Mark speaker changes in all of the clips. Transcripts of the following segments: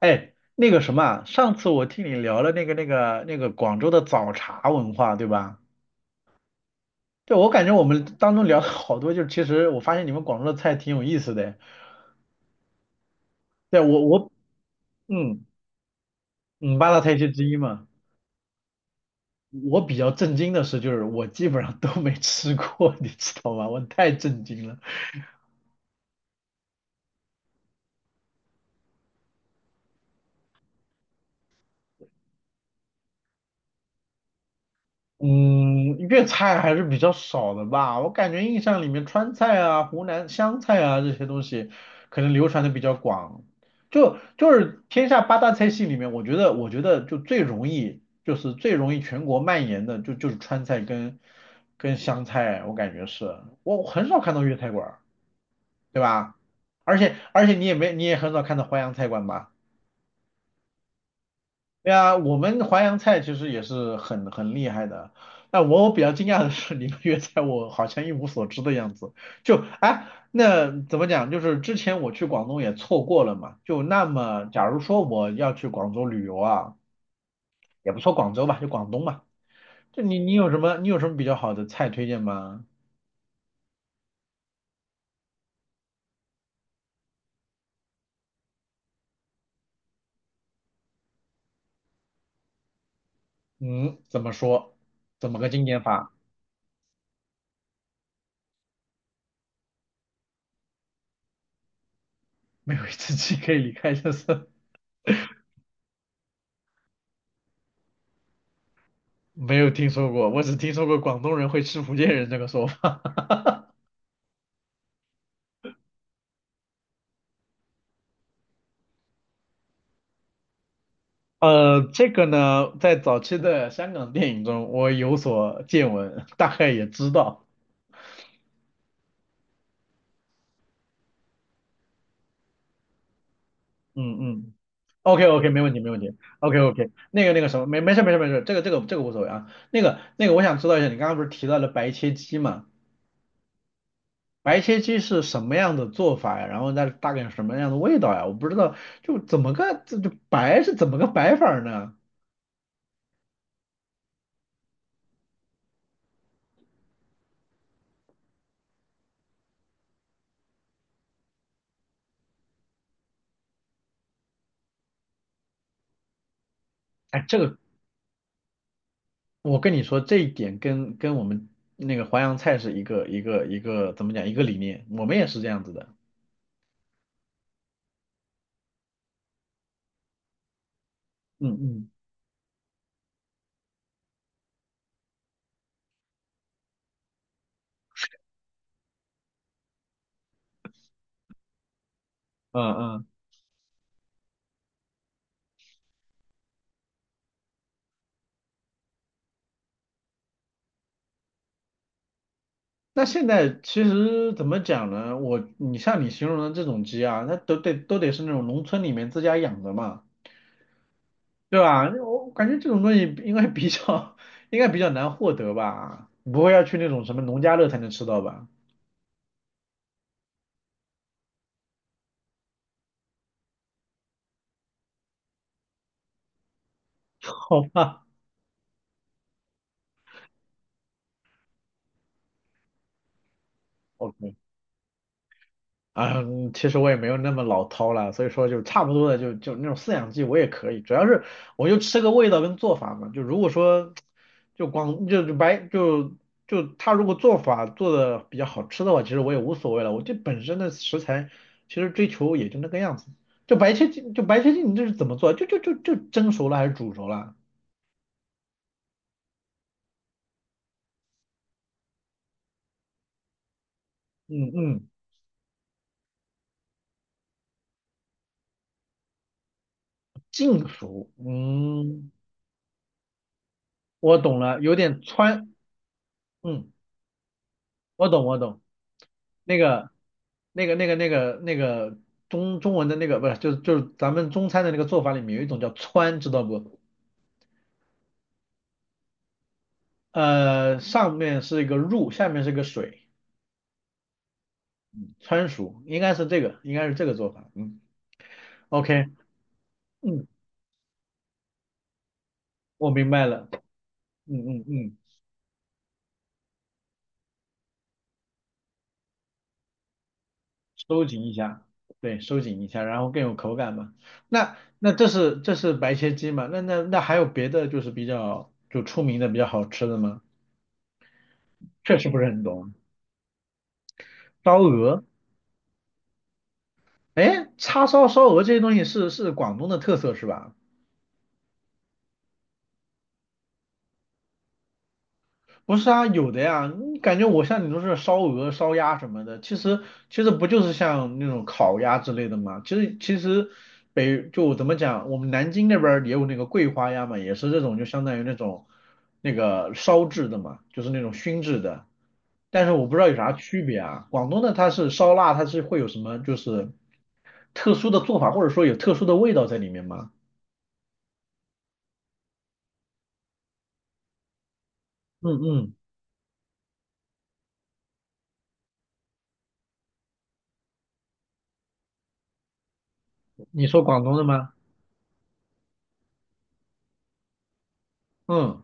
Speaker 1: 哎，那个什么啊，上次我听你聊了那个广州的早茶文化，对吧？对，我感觉我们当中聊了好多，就是其实我发现你们广州的菜挺有意思的。对，我。嗯嗯，八大菜系之一嘛。我比较震惊的是，就是我基本上都没吃过，你知道吗？我太震惊了。嗯，粤菜还是比较少的吧。我感觉印象里面，川菜啊、湖南湘菜啊这些东西，可能流传的比较广。就是天下八大菜系里面，我觉得就是最容易全国蔓延的，就是川菜跟湘菜，我感觉是，我很少看到粤菜馆儿，对吧？而且你也没你也很少看到淮扬菜馆吧？对啊，我们淮扬菜其实也是很厉害的。那我比较惊讶的是，你们粤菜我好像一无所知的样子。就哎，那怎么讲？就是之前我去广东也错过了嘛。就那么，假如说我要去广州旅游啊，也不说广州吧，就广东嘛。就你有什么比较好的菜推荐吗？嗯，怎么说？怎么个经典法？没有一次鸡可以离开，就是。没有听说过。我只听说过广东人会吃福建人这个说法。这个呢，在早期的香港电影中，我有所见闻，大概也知道。嗯嗯，OK， OK，没问题，没问题。OK， OK，那个什么，没事，没事，没事，这个无所谓啊。那个，我想知道一下，你刚刚不是提到了白切鸡嘛？白切鸡是什么样的做法呀？然后那大概是什么样的味道呀？我不知道，就怎么个这就白是怎么个白法儿呢？哎，这个我跟你说，这一点跟我们那个淮扬菜是一个一个一个怎么讲，一个理念，我们也是这样子的。嗯嗯嗯嗯。那现在其实怎么讲呢？像你形容的这种鸡啊，那都得是那种农村里面自家养的嘛，对吧？我感觉这种东西应该比较 应该比较难获得吧，不会要去那种什么农家乐才能吃到吧？好吧，OK。嗯，其实我也没有那么老饕了，所以说就差不多的就那种饲养鸡我也可以，主要是我就吃个味道跟做法嘛。就如果说就光就就白就就他如果做法做的比较好吃的话，其实我也无所谓了。我这本身的食材其实追求也就那个样子。就白切鸡，你这是怎么做？就蒸熟了还是煮熟了？嗯嗯，净熟。嗯，我懂了，有点川。嗯。我懂，我懂。那个、那个中文的那个不是，就是咱们中餐的那个做法里面有一种叫川，知道不？上面是一个入，下面是个水，川蜀应该是这个，应该是这个做法。嗯，OK，嗯，我明白了。嗯嗯嗯，收紧一下，对，收紧一下，然后更有口感嘛。那这是白切鸡嘛？那还有别的，就是比较出名的比较好吃的吗？确实不是很懂。烧鹅。哎，叉烧、烧鹅这些东西是广东的特色是吧？不是啊，有的呀。你感觉我像你都是烧鹅、烧鸭什么的，其实不就是像那种烤鸭之类的吗？其实就怎么讲，我们南京那边儿也有那个桂花鸭嘛，也是这种就相当于那种那个烧制的嘛，就是那种熏制的。但是我不知道有啥区别啊。广东的它是烧腊，它是会有什么就是特殊的做法，或者说有特殊的味道在里面吗？嗯嗯，你说广东的吗？嗯，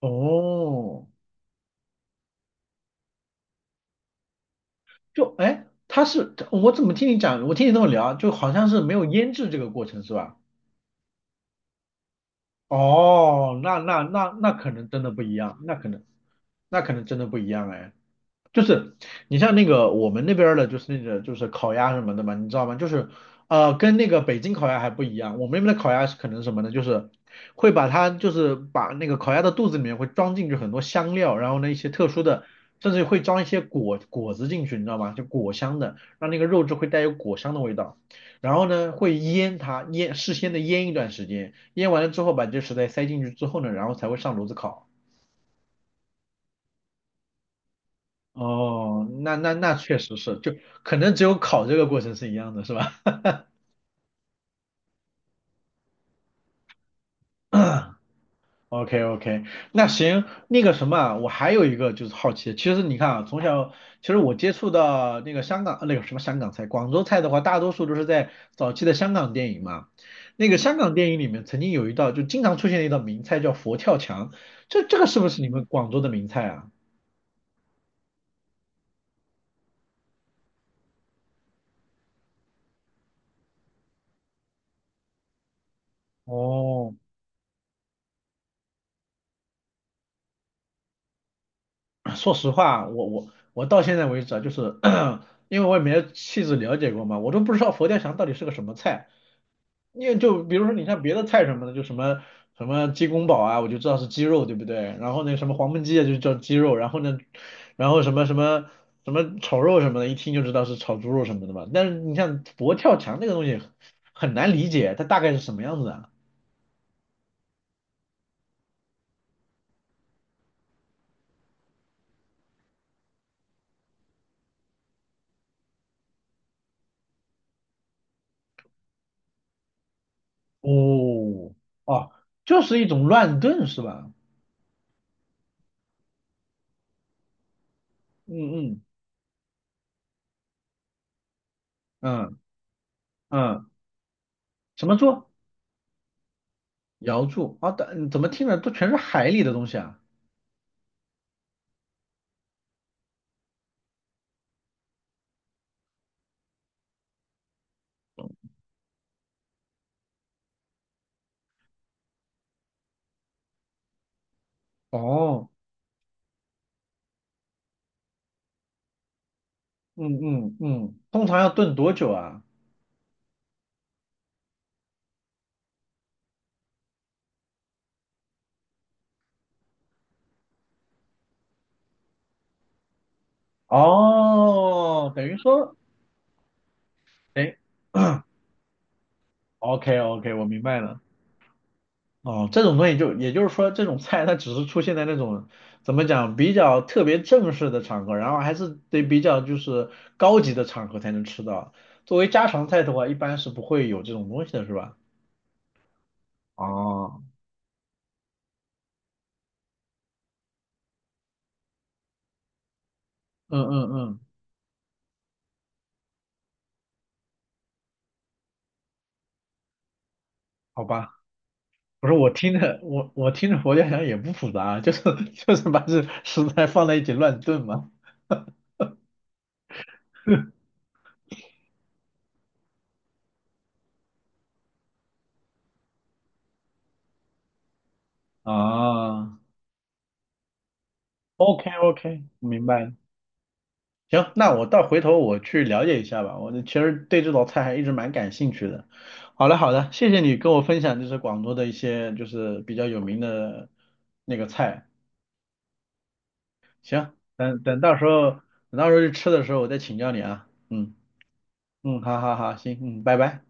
Speaker 1: 哦，就哎，我怎么听你讲，我听你这么聊，就好像是没有腌制这个过程是吧？哦，那可能真的不一样，那可能真的不一样哎。就是你像那个我们那边儿的，就是那个烤鸭什么的嘛，你知道吗？就是跟那个北京烤鸭还不一样。我们那边的烤鸭是可能什么呢？就是把那个烤鸭的肚子里面会装进去很多香料，然后呢一些特殊的，甚至会装一些果子进去，你知道吗？就果香的，让那个肉质会带有果香的味道。然后呢会腌它，腌事先的腌一段时间，腌完了之后把这些食材塞进去之后呢，然后才会上炉子烤。哦，那确实是，就可能只有考这个过程是一样的，是吧 ？OK， OK，那行，那个什么啊，我还有一个就是好奇，其实你看啊，从小其实我接触到那个香港，呃那个什么香港菜，广州菜的话，大多数都是在早期的香港电影嘛。那个香港电影里面曾经有一道就经常出现的一道名菜叫佛跳墙，这个是不是你们广州的名菜啊？哦 说实话，我到现在为止啊，因为我也没有细致了解过嘛，我都不知道佛跳墙到底是个什么菜。因为就比如说你像别的菜什么的，就什么鸡公煲啊，我就知道是鸡肉，对不对？然后那什么黄焖鸡啊，就叫鸡肉，然后呢，然后什么炒肉什么的，一听就知道是炒猪肉什么的嘛。但是你像佛跳墙那个东西很难理解，它大概是什么样子啊？哦哦，就是一种乱炖是吧？嗯嗯嗯嗯，什么做？瑶柱啊，但怎么听着都全是海里的东西啊？哦，嗯嗯嗯，通常要炖多久啊？哦，等于说，哎，OK， OK，我明白了。哦，这种东西就也就是说，这种菜它只是出现在那种怎么讲比较特别正式的场合，然后还是得比较就是高级的场合才能吃到。作为家常菜的话，一般是不会有这种东西的，是吧？哦，嗯嗯嗯，好吧。不是我听着，我听着，佛跳墙也不复杂啊，就是把这食材放在一起乱炖嘛。啊，OK， OK，明白了。行，那回头我去了解一下吧。我其实对这道菜还一直蛮感兴趣的。好的好的，谢谢你跟我分享就是广州的一些就是比较有名的那个菜。行，等到时候去吃的时候我再请教你啊。嗯嗯，好好好，行，嗯，拜拜。